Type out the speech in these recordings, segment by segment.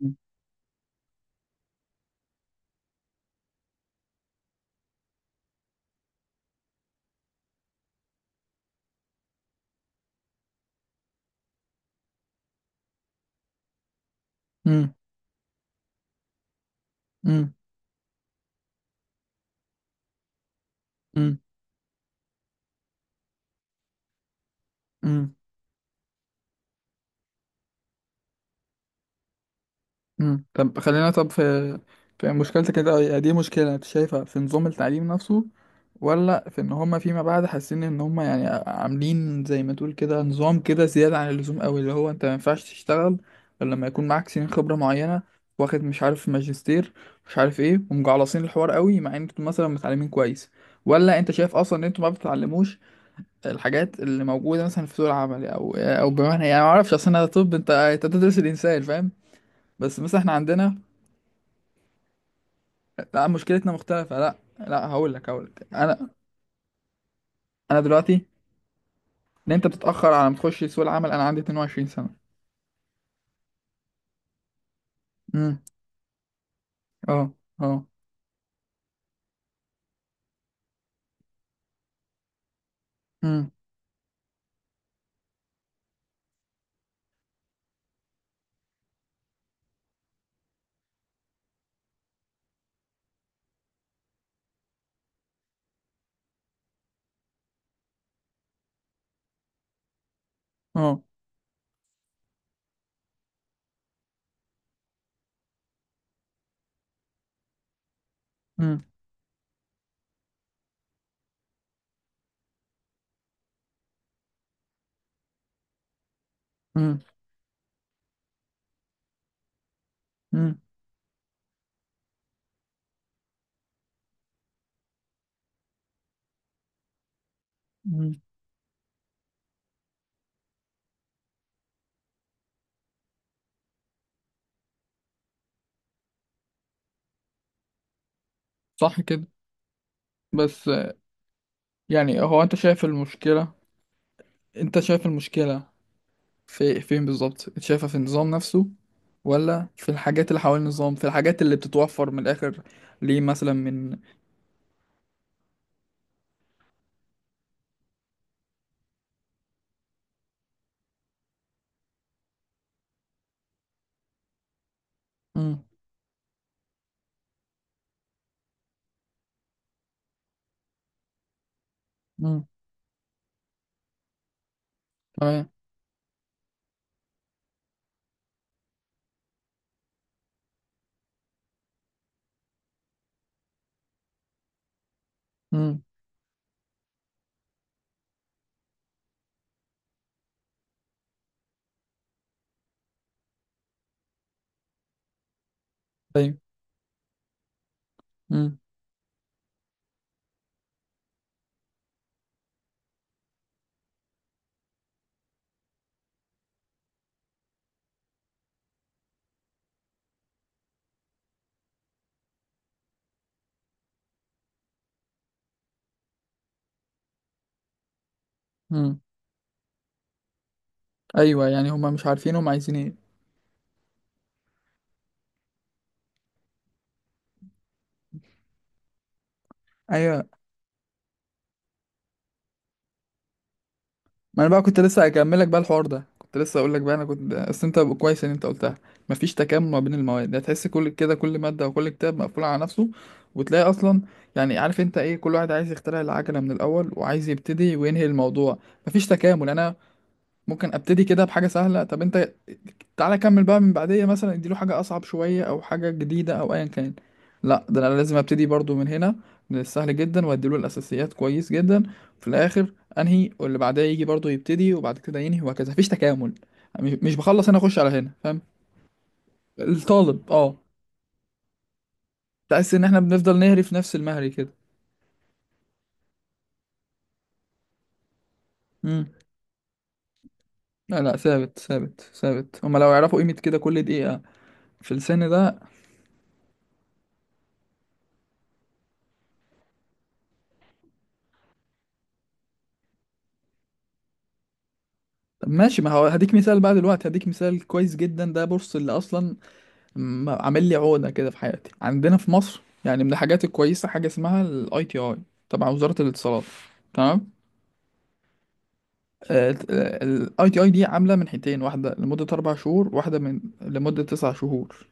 مم. مم. مم. مم. مم. طب خلينا، طب في في مشكلتك كده، دي مشكلة انت شايفها في نظام التعليم نفسه، ولا في ان هما فيما بعد حاسين ان هما يعني عاملين زي ما تقول كده نظام كده زيادة عن اللزوم قوي؟ اللي هو انت ما ينفعش تشتغل غير لما يكون معاك سنين خبرة معينة، واخد مش عارف ماجستير، مش عارف ايه، ومجعلصين الحوار قوي مع ان انتوا مثلا متعلمين كويس؟ ولا انت شايف اصلا ان انتوا ما بتتعلموش الحاجات اللي موجوده مثلا في سوق العمل، او بمعنى، يعني ما اعرفش، اصل انا، طب انت بتدرس الانسان، فاهم؟ بس مثلا احنا عندنا، لا مشكلتنا مختلفه، لا لا، هقول لك انا دلوقتي ان انت بتتاخر على ما تخش سوق العمل. انا عندي 22 سنه. امم اه. اه. امم اه. امم امم امم أمم. صح كده. بس، يعني هو انت شايف المشكله، انت شايف المشكله في فين بالظبط؟ شايفها في النظام نفسه، ولا في الحاجات اللي حوالين النظام، في الحاجات اللي بتتوفر من الآخر؟ ليه مثلا من، مم. مم. تمام. مم. طيب. مم. مم. أيوه، يعني هما مش عارفين هما عايزين إيه. أيوه. ما أنا بقى كنت لسه هكمل لك بقى الحوار ده، كنت لسه أقول لك بقى، أنا كنت، أصل أنت كويس إن أنت قلتها. مفيش تكامل ما بين المواد، هتحس كل كده، كل مادة وكل كتاب مقفول على نفسه. وتلاقي أصلا، يعني عارف أنت إيه، كل واحد عايز يخترع العجلة من الأول، وعايز يبتدي وينهي الموضوع. مفيش تكامل، يعني أنا ممكن ابتدي كده بحاجه سهله، طب انت تعالى كمل بقى من بعديه، مثلا اديله حاجه اصعب شويه او حاجه جديده او ايا كان. لا، ده انا لازم ابتدي برضو من هنا، من السهل جدا، واديله الاساسيات كويس جدا. في الاخر انهي، واللي بعدها يجي برضو يبتدي وبعد كده ينهي، وهكذا، مفيش تكامل. مش بخلص هنا، اخش على هنا، فاهم؟ الطالب، اه. تحس ان احنا بنفضل نهري في نفس المهري كده. امم لا لا، ثابت ثابت ثابت. هما لو يعرفوا قيمه كده كل دقيقه في السن ده. طب ماشي، ما هو هديك مثال بقى دلوقتي، هديك مثال كويس جدا ده. بص، اللي اصلا عامل لي عقده كده في حياتي، عندنا في مصر يعني من الحاجات الكويسه حاجه اسمها الاي تي اي، تبع وزاره الاتصالات، تمام؟ الاي تي اي دي عامله من حتتين، واحده لمده اربع شهور، واحده من لمده تسع شهور.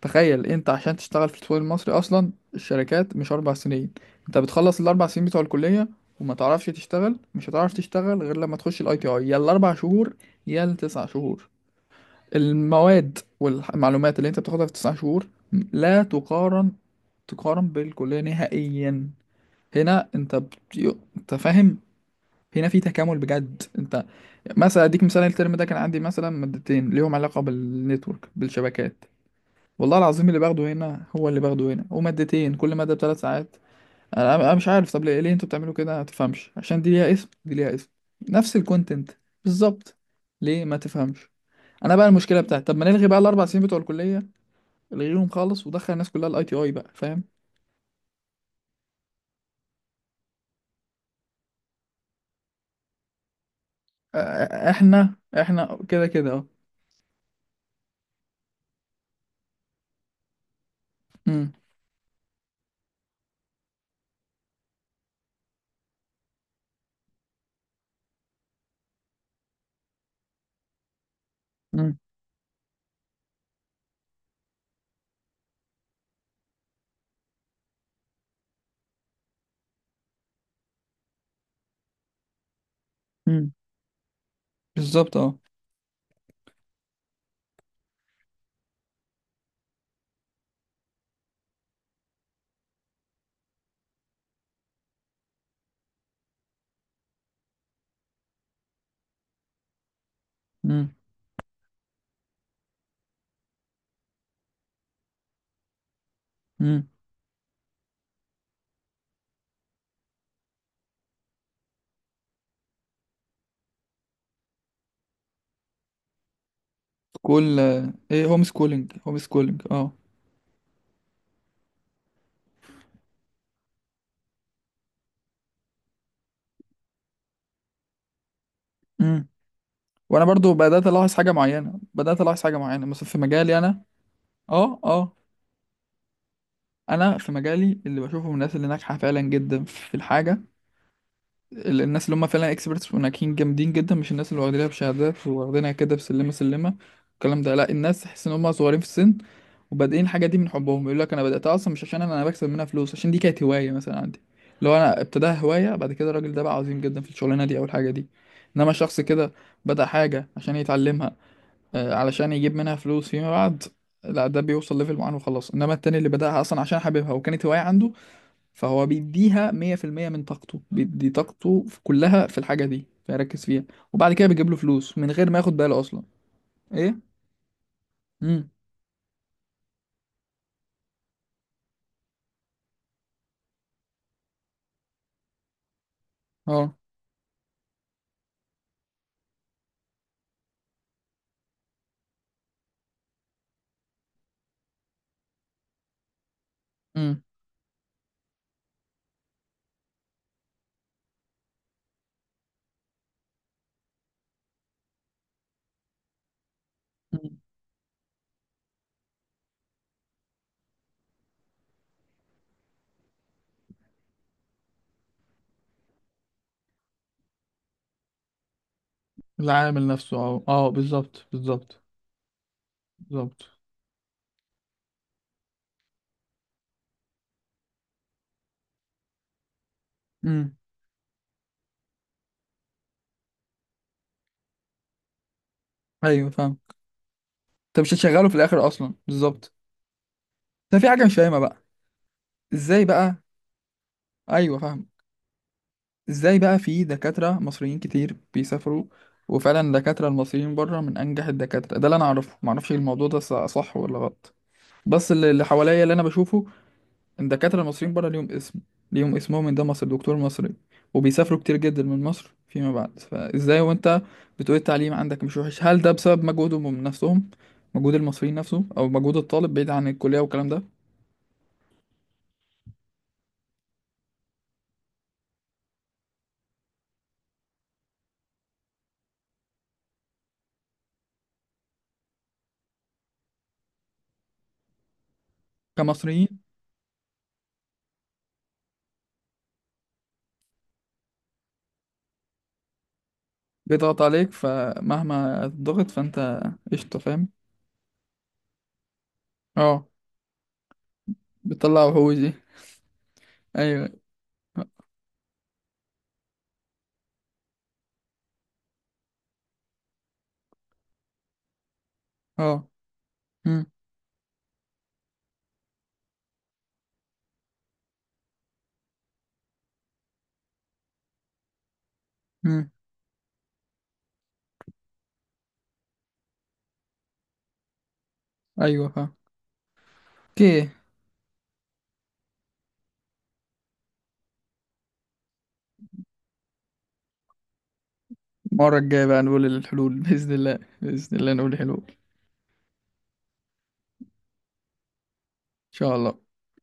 تخيل انت، عشان تشتغل في السوق المصري اصلا الشركات، مش اربع سنين. انت بتخلص الاربع سنين بتوع الكليه وما تعرفش تشتغل، مش هتعرف تشتغل غير لما تخش الاي تي اي، يا الاربع شهور يا التسع شهور. المواد والمعلومات اللي انت بتاخدها في تسع شهور لا تقارن، تقارن بالكلية نهائيا. هنا انت انت فاهم؟ هنا في تكامل بجد. انت، مثلا اديك مثال، الترم ده كان عندي مثلا مادتين ليهم علاقة بالنتورك، بالشبكات. والله العظيم اللي باخده هنا هو اللي باخده هنا، ومادتين كل مادة بثلاث ساعات. انا مش عارف، طب ليه انتوا بتعملوا كده؟ ما تفهمش، عشان دي ليها اسم، دي ليها اسم، نفس الكونتنت بالظبط. ليه ما تفهمش؟ انا بقى المشكله بتاعتي، طب ما نلغي بقى الاربع سنين بتوع الكليه، الغيهم خالص، ودخل الناس كلها الاي تي اي بقى، فاهم؟ احنا، احنا كده كده اه. امم امم امم بالظبط اه. امم امم كل ايه، هوم سكولينج، هوم سكولينج اه. امم وانا برضو بدات الاحظ حاجه معينه، مثلا في مجالي انا. اه اه. انا في مجالي اللي بشوفه من الناس اللي ناجحه فعلا جدا في الحاجه، الناس اللي هم فعلا اكسبرتس وناجحين جامدين جدا، مش الناس اللي واخدينها بشهادات، واخدينها كده بسلمه سلمه الكلام ده. لا، الناس تحس ان هم صغيرين في السن وبادئين الحاجه دي من حبهم. يقول لك انا بداتها اصلا مش عشان انا بكسب منها فلوس، عشان دي كانت هوايه مثلا عندي. لو انا ابتداها هوايه، بعد كده الراجل ده بقى عظيم جدا في الشغلانه دي او الحاجه دي. انما شخص كده بدا حاجه عشان يتعلمها، علشان يجيب منها فلوس فيما بعد، لا ده بيوصل ليفل معين وخلاص. انما التاني اللي بداها اصلا عشان حاببها وكانت هوايه عنده، فهو بيديها 100% من طاقته، بيدي طاقته كلها في الحاجة دي، فيركز فيها، وبعد كده بيجيب له فلوس من غير ما ياخد باله أصلا. إيه؟ امم اه. امم أمم. العامل نفسه اه. اه، بالظبط بالظبط. بالظبط. امم ايوه فاهم. انت مش هتشغله في الاخر اصلا، بالظبط. ده في حاجه مش فاهمه بقى. ازاي بقى؟ ايوه فاهم. ازاي بقى في دكاتره مصريين كتير بيسافروا، وفعلا الدكاتره المصريين بره من انجح الدكاتره؟ ده اللي انا اعرفه، ما اعرفش الموضوع ده صح ولا غلط، بس اللي حواليا اللي انا بشوفه ان الدكاتره المصريين بره ليهم اسم، ليهم اسمهم ان ده مصر، دكتور مصري، وبيسافروا كتير جدا من مصر فيما بعد. فازاي وانت بتقول التعليم عندك مش وحش؟ هل ده بسبب مجهودهم من نفسهم، مجهود المصريين نفسه، او مجهود الطالب بعيد عن الكليه والكلام ده؟ كمصريين. بيضغط عليك فمهما ضغط فانت، قشطه، فاهم. اه. بتطلع وحوش دي. ايوه. اه. امم امم ايوه فاهم. اوكي. المره الجايه بقى نقول الحلول، باذن الله، باذن الله نقول الحلول ان شاء الله.